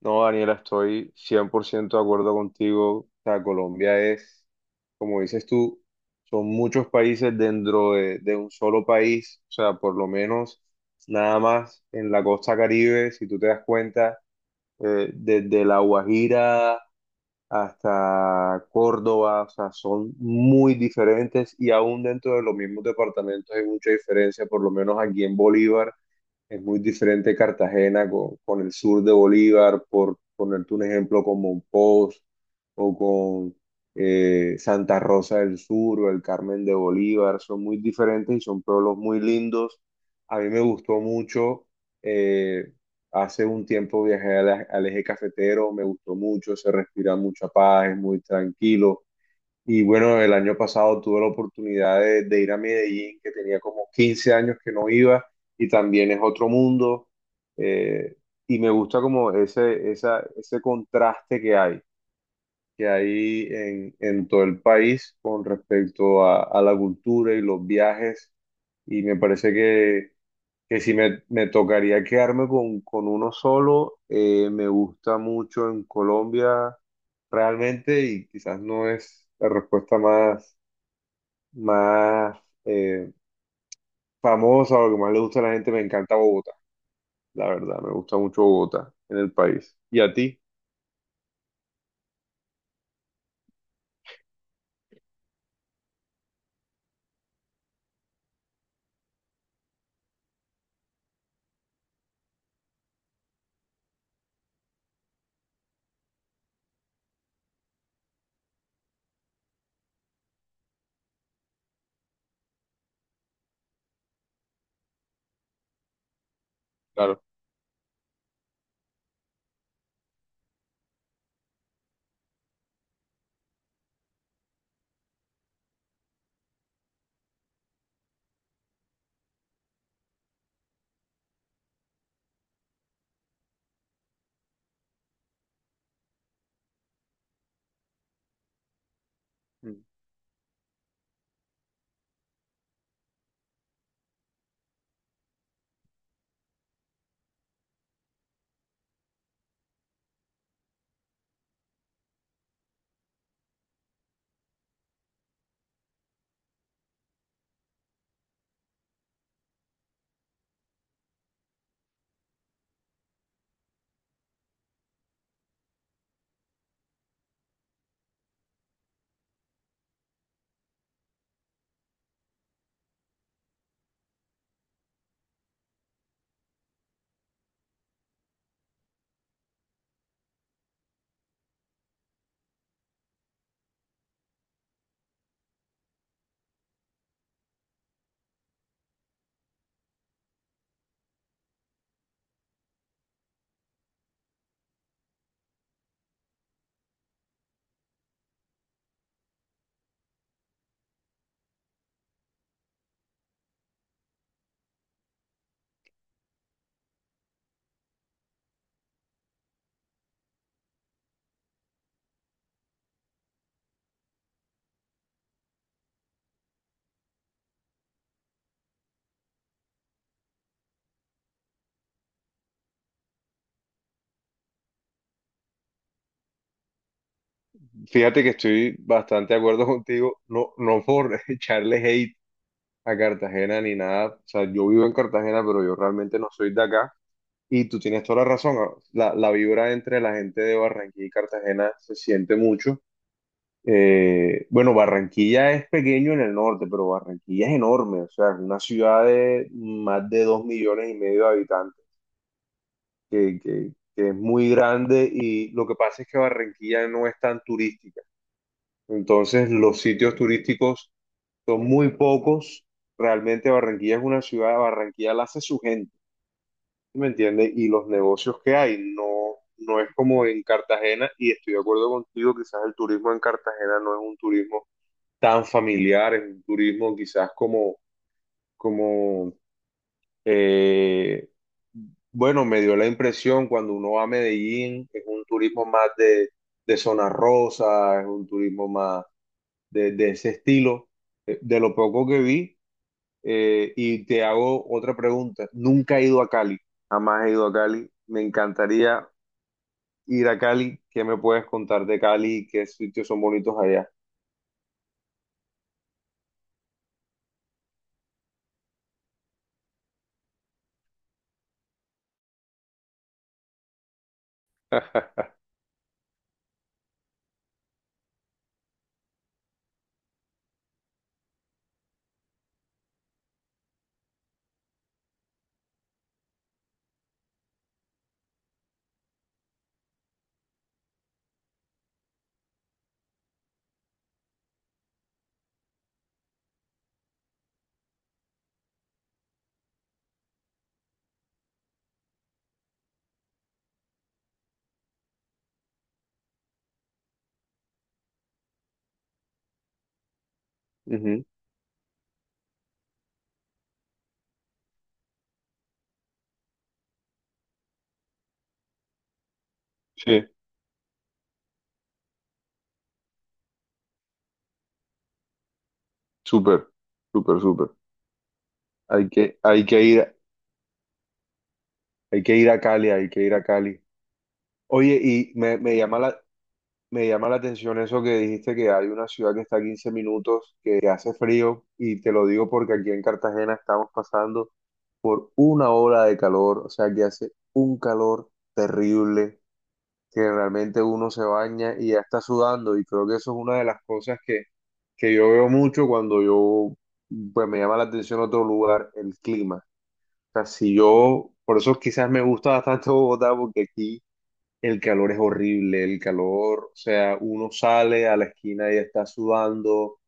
No, Daniela, estoy 100% de acuerdo contigo. O sea, Colombia es, como dices tú, son muchos países dentro de un solo país. O sea, por lo menos nada más en la costa Caribe, si tú te das cuenta, desde La Guajira hasta Córdoba, o sea, son muy diferentes y aún dentro de los mismos departamentos hay mucha diferencia, por lo menos aquí en Bolívar. Es muy diferente Cartagena con el sur de Bolívar, por ponerte un ejemplo con Monpós o con Santa Rosa del Sur o el Carmen de Bolívar. Son muy diferentes y son pueblos muy lindos. A mí me gustó mucho. eh, Hace un tiempo viajé al eje cafetero, me gustó mucho, se respira mucha paz, es muy tranquilo. Y bueno, el año pasado tuve la oportunidad de ir a Medellín, que tenía como 15 años que no iba, y también es otro mundo. eh, y me gusta como ese contraste que hay en todo el país con respecto a la cultura y los viajes. Y me parece que si me tocaría quedarme con uno solo, me gusta mucho en Colombia realmente y quizás no es la respuesta más eh, famosa o lo que más le gusta a la gente, me encanta Bogotá, la verdad, me gusta mucho Bogotá en el país. ¿Y a ti? Claro. Fíjate que estoy bastante de acuerdo contigo, no, no por echarle hate a Cartagena ni nada, o sea, yo vivo en Cartagena, pero yo realmente no soy de acá. Y tú tienes toda la razón, ah, la vibra entre la gente de Barranquilla y Cartagena se siente mucho. Bueno, Barranquilla es pequeño en el norte, pero Barranquilla es enorme, o sea, es una ciudad de más de 2,5 millones de habitantes, que, que- que es muy grande y lo que pasa es que Barranquilla no es tan turística, entonces los sitios turísticos son muy pocos, realmente Barranquilla es una ciudad, Barranquilla la hace su gente. ¿Me entiendes? Y los negocios que hay, no, no es como en Cartagena, y estoy de acuerdo contigo, quizás el turismo en Cartagena no es un turismo tan familiar, es un turismo quizás como, eh, bueno, me dio la impresión cuando uno va a Medellín, es un turismo más de zona rosa, es un turismo más de ese estilo, de lo poco que vi. Y te hago otra pregunta. Nunca he ido a Cali, jamás he ido a Cali. Me encantaría ir a Cali. ¿Qué me puedes contar de Cali? ¿Qué sitios son bonitos allá? Ujú. Sí, súper, súper, súper. Hay que, hay que ir, hay que ir a Cali, hay que ir a Cali. Oye, y me llama la atención eso que dijiste que hay una ciudad que está a 15 minutos, que hace frío, y te lo digo porque aquí en Cartagena estamos pasando por una ola de calor, o sea que hace un calor terrible, que realmente uno se baña y ya está sudando, y creo que eso es una de las cosas que yo veo mucho cuando yo, pues me llama la atención otro lugar, el clima. O sea, si yo, por eso quizás me gusta bastante Bogotá, porque aquí el calor es horrible, el calor, o sea, uno sale a la esquina y está sudando,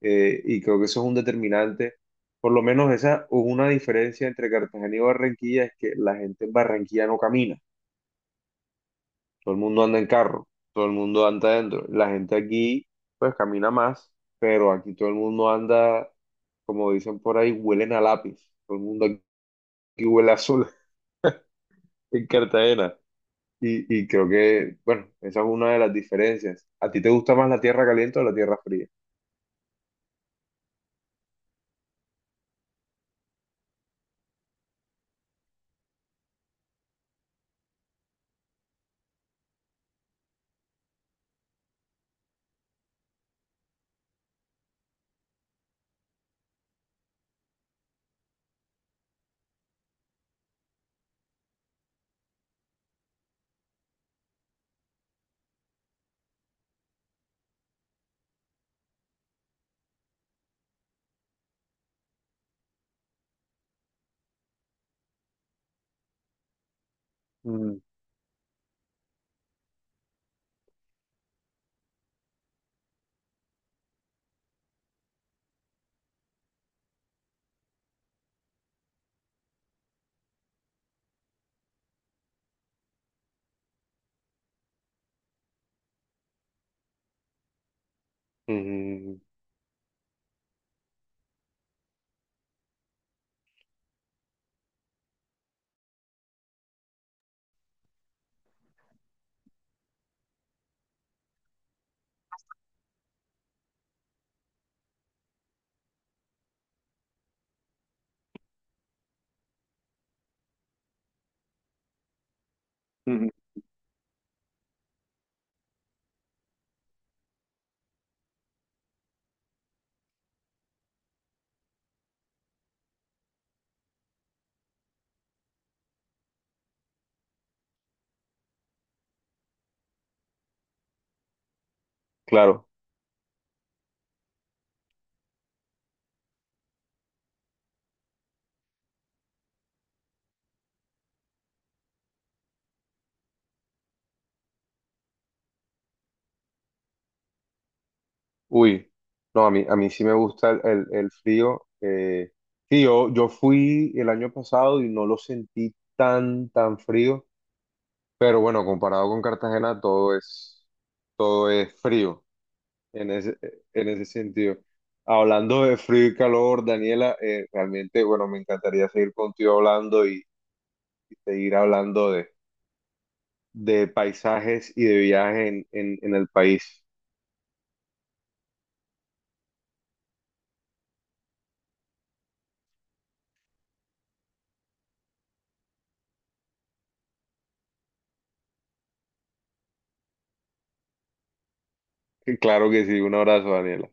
y creo que eso es un determinante. Por lo menos esa es una diferencia entre Cartagena y Barranquilla, es que la gente en Barranquilla no camina, todo el mundo anda en carro, todo el mundo anda adentro. La gente aquí, pues camina más, pero aquí todo el mundo anda, como dicen por ahí, huelen a lápiz, todo el mundo aquí huele a sol en Cartagena. Y creo que, bueno, esa es una de las diferencias. ¿A ti te gusta más la tierra caliente o la tierra fría? Mm, mm, mm, claro. Uy, no, a mí sí me gusta el frío. Sí, yo fui el año pasado y no lo sentí tan frío, pero bueno, comparado con Cartagena, todo es frío en ese, en ese sentido. Hablando de frío y calor, Daniela, realmente, bueno, me encantaría seguir contigo hablando y seguir hablando de paisajes y de viajes en el país. Claro que sí, un abrazo, Daniela.